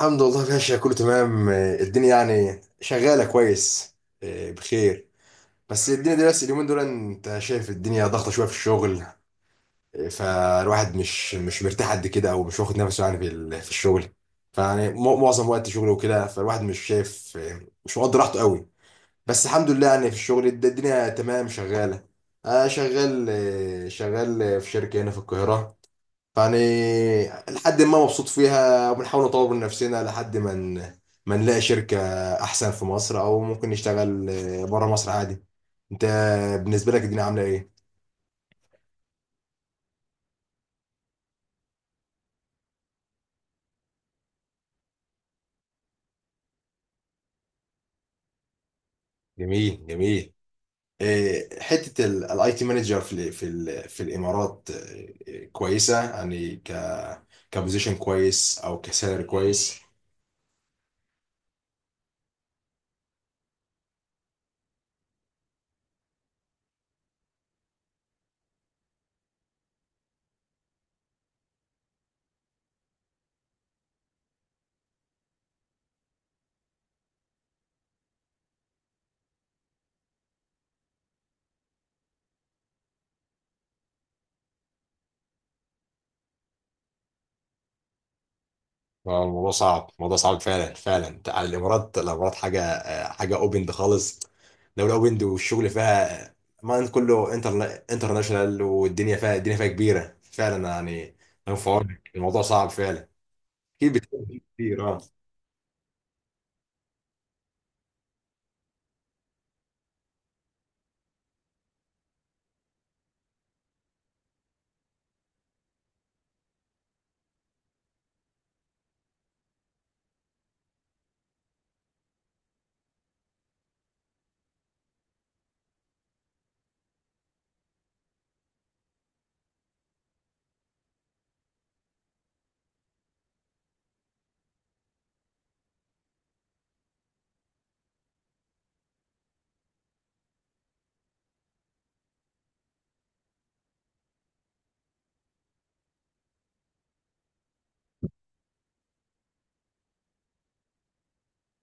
الحمد لله، ماشية كله تمام. الدنيا يعني شغالة كويس. آه، بخير. بس الدنيا دي، بس اليومين دول انت شايف الدنيا ضغطة شوية في الشغل. فالواحد مش مرتاح قد كده، او مش واخد نفسه يعني في الشغل. فيعني معظم وقت شغله وكده، فالواحد مش شايف، مش مقدر راحته قوي. بس الحمد لله، يعني في الشغل الدنيا تمام شغالة. شغال، شغال في شركة هنا في القاهرة، يعني. لحد ما مبسوط فيها، وبنحاول نطور من نفسنا لحد ما ما نلاقي شركة أحسن في مصر، أو ممكن نشتغل بره مصر عادي. أنت بالنسبة لك الدنيا عاملة إيه؟ جميل، جميل. إيه، حتة الاي تي مانجر في الامارات، إيه، كويسة يعني، كبوزيشن كويس او كسالري كويس؟ الموضوع صعب، الموضوع صعب فعلا فعلا. على الامارات، الامارات حاجه، حاجه اوبند خالص. دوله اوبند، والشغل فيها، ما انت كله انترناشونال. والدنيا فيها الدنيا فيها كبيره فعلا، يعني. أنا في عونك، الموضوع صعب فعلا. اكيد بتقابل كتير، اه.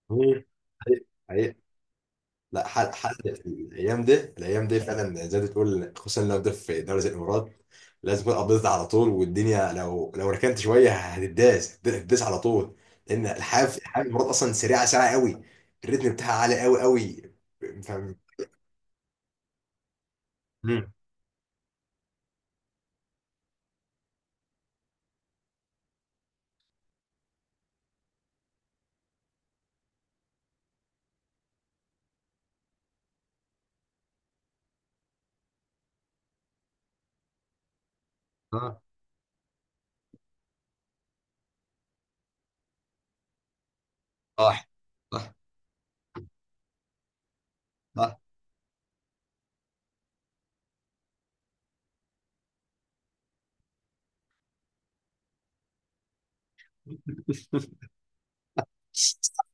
مم. حقيقي. لا، حد في الايام دي فعلا زي ما تقول، خصوصا لو ده في دوري زي الامارات. لازم تكون قبضت على طول، والدنيا لو ركنت شويه هتداس، هتداس على طول. لان الحياه في الامارات اصلا سريعه، سريعه قوي. الريتم بتاعها عالي قوي قوي. فاهم. مم. اه، صح صح صح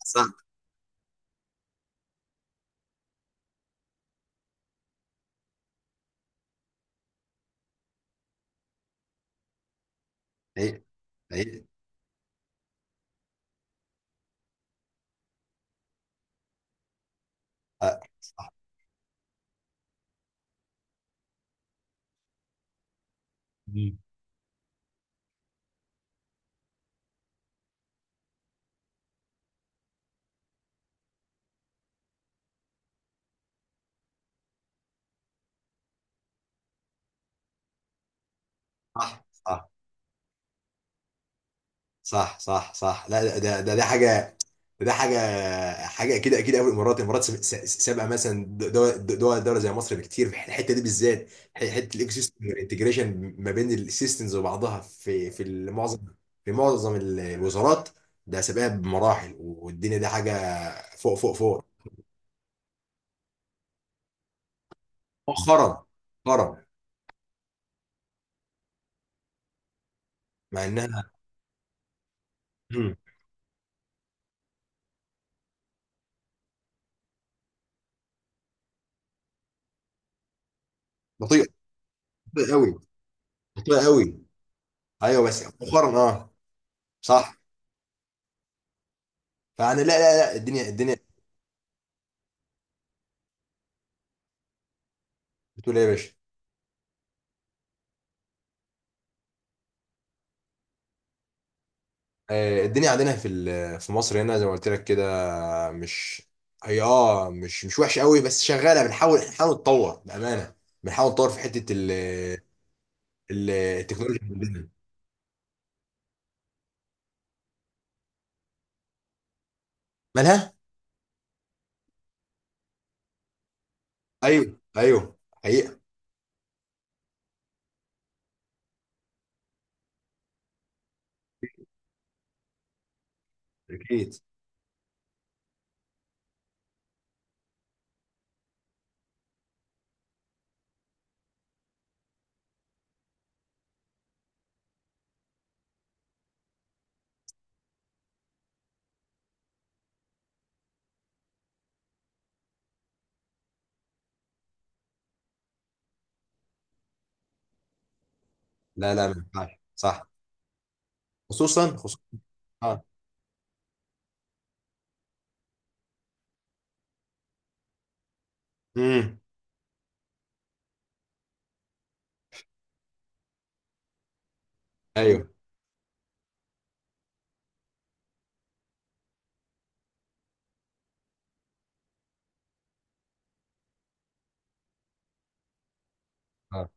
صح، حقيقي حقيقي. آه. مم. صح صح صح صح صح. لا، ده حاجه، ده حاجه حاجه، اكيد اكيد قوي. الامارات، الامارات سابقه مثلا، دوله زي مصر بكتير في الحته دي بالذات. حته الايكو سيستم والانتجريشن ما بين السيستمز وبعضها في في معظم الوزارات. ده سابقها بمراحل، والدنيا دي حاجه فوق، فوق، فوق. مؤخرا، مؤخرا. مع انها. مم. بطيئه، بطيئه قوي، بطيئه قوي. ايوه بس مؤخرا، اه. صح. فانا لا لا لا، الدنيا. بتقول ايه يا باشا؟ الدنيا عندنا في مصر هنا، زي ما قلت لك كده. مش هي اه مش مش وحشه قوي، بس شغاله. بنحاول نتطور بامانه، بنحاول نتطور في حته التكنولوجيا عندنا. مالها؟ ايوه ايوه، حقيقه. اكيد. لا لا، ما ينفعش، صح. خصوصا، خصوصا. اه، امم، ايوه، اه،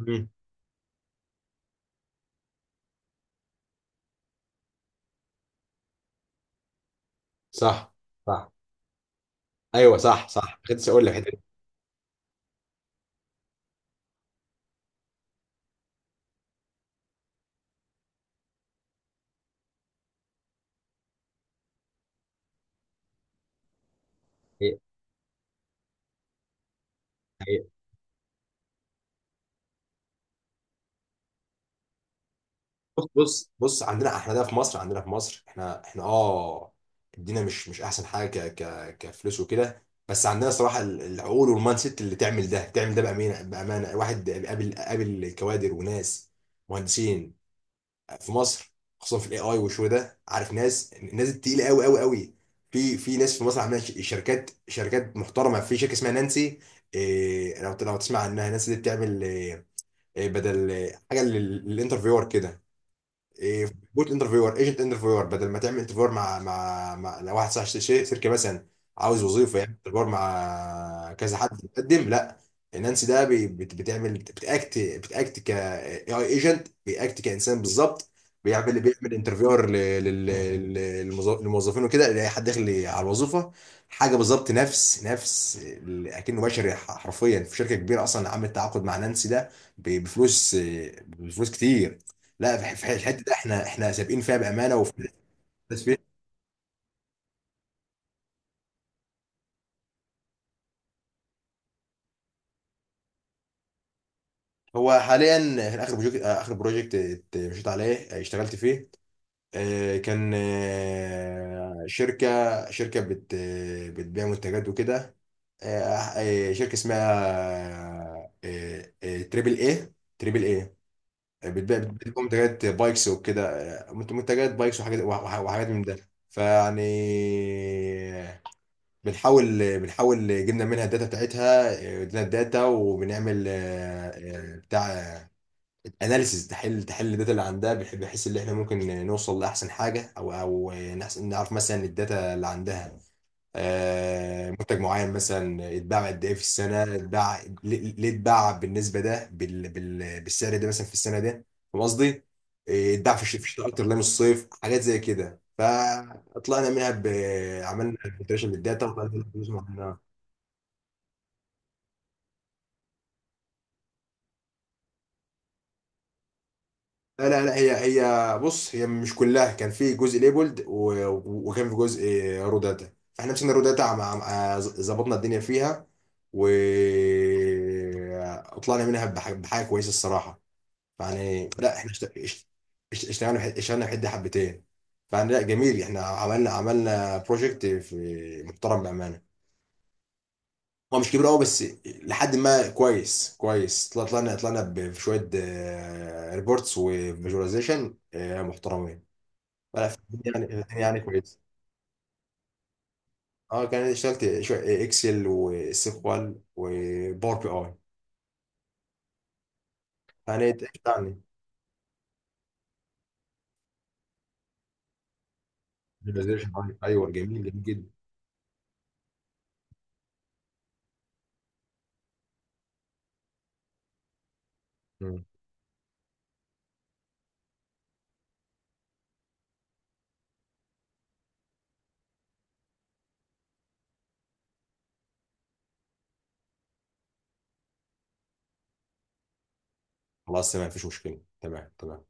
امم. صح صح. ايوه، صح صح، كنت لسه اقول لك حته. حقيقة. بص، بص، بص، عندنا احنا ده في مصر، عندنا في مصر، احنا اه الدنيا مش احسن حاجه، ك ك كفلوس وكده. بس عندنا صراحه العقول والمايند سيت اللي تعمل ده، تعمل ده بامانه، بامانه. الواحد قابل، كوادر وناس، مهندسين في مصر، خصوصا في الاي اي والشو ده، عارف، ناس، التقيله قوي قوي قوي. في ناس في مصر عامله شركات، محترمه. في شركه اسمها نانسي. إيه، لو تسمع عنها، نانسي دي بتعمل إيه؟ إيه بدل إيه، حاجه للانترفيور كده. إيه، بوت انترفيور، ايجنت انترفيور، بدل ما تعمل انترفيور مع لو واحد صاحب شركه مثلا عاوز وظيفه، يعمل انترفيور مع كذا حد بيقدم. لا، نانسي ده بتعمل، بتاكت، ك اي اي ايجنت، بياكت كانسان بالظبط. بيعمل انترفيور للموظفين وكده، يلاقي حد داخل على الوظيفه. حاجه بالظبط، نفس اكنه بشري، حرفيا. في شركه كبيره اصلا عملت تعاقد مع نانسي ده، بفلوس، بفلوس كتير. لا، في في الحته ده احنا سابقين فيها بامانه، وفي، بس فيه. هو حاليا، في اخر بروجكت، مشيت عليه، اشتغلت فيه، اه، كان، شركه، شركه بتبيع منتجات وكده. اه، اه، شركه اسمها، اه، تريبل اي، تريبل اي، بتبيع منتجات بايكس وكده. اه، منتجات بايكس وحاجات، وحاجات من ده، فيعني بنحاول جبنا منها الداتا بتاعتها، ادينا الداتا وبنعمل، بتاع اناليسيز، تحل الداتا اللي عندها، بحيث ان احنا ممكن نوصل لاحسن حاجه، او نعرف مثلا الداتا اللي عندها، منتج معين مثلا اتباع قد ايه في السنه، اتباع ليه، اتباع بالنسبه ده، بالسعر ده مثلا في السنه ده. فاهم قصدي؟ اتباع في الشتاء اكتر لا من الصيف، حاجات زي كده. فطلعنا منها ب، عملنا فلتريشن للداتا، وطلعنا منها فلوس معينة. لا لا لا، هي هي بص، هي مش كلها، كان في جزء ليبولد، وكان في جزء روداتا، فاحنا مسكنا روداتا، مع ظبطنا الدنيا فيها و طلعنا منها بحاجه كويسه الصراحه. يعني لا احنا اشتغلنا في حد حبتين. فانا لا جميل، احنا عملنا، بروجكت في محترم بامانه. هو مش كبير قوي، بس لحد ما كويس، كويس، طلعنا بشويه، ريبورتس وفيجواليزيشن، محترمين. فلا، يعني الدنيا يعني كويس. اه، كان اشتغلت شويه اكسل وسيكوال وباور بي اي، يعني اشتغلني. فيجواليزيشن، ايوه، جميل جميل جدا. مم. خلاص تمام، مفيش مشكله، تمام تمام.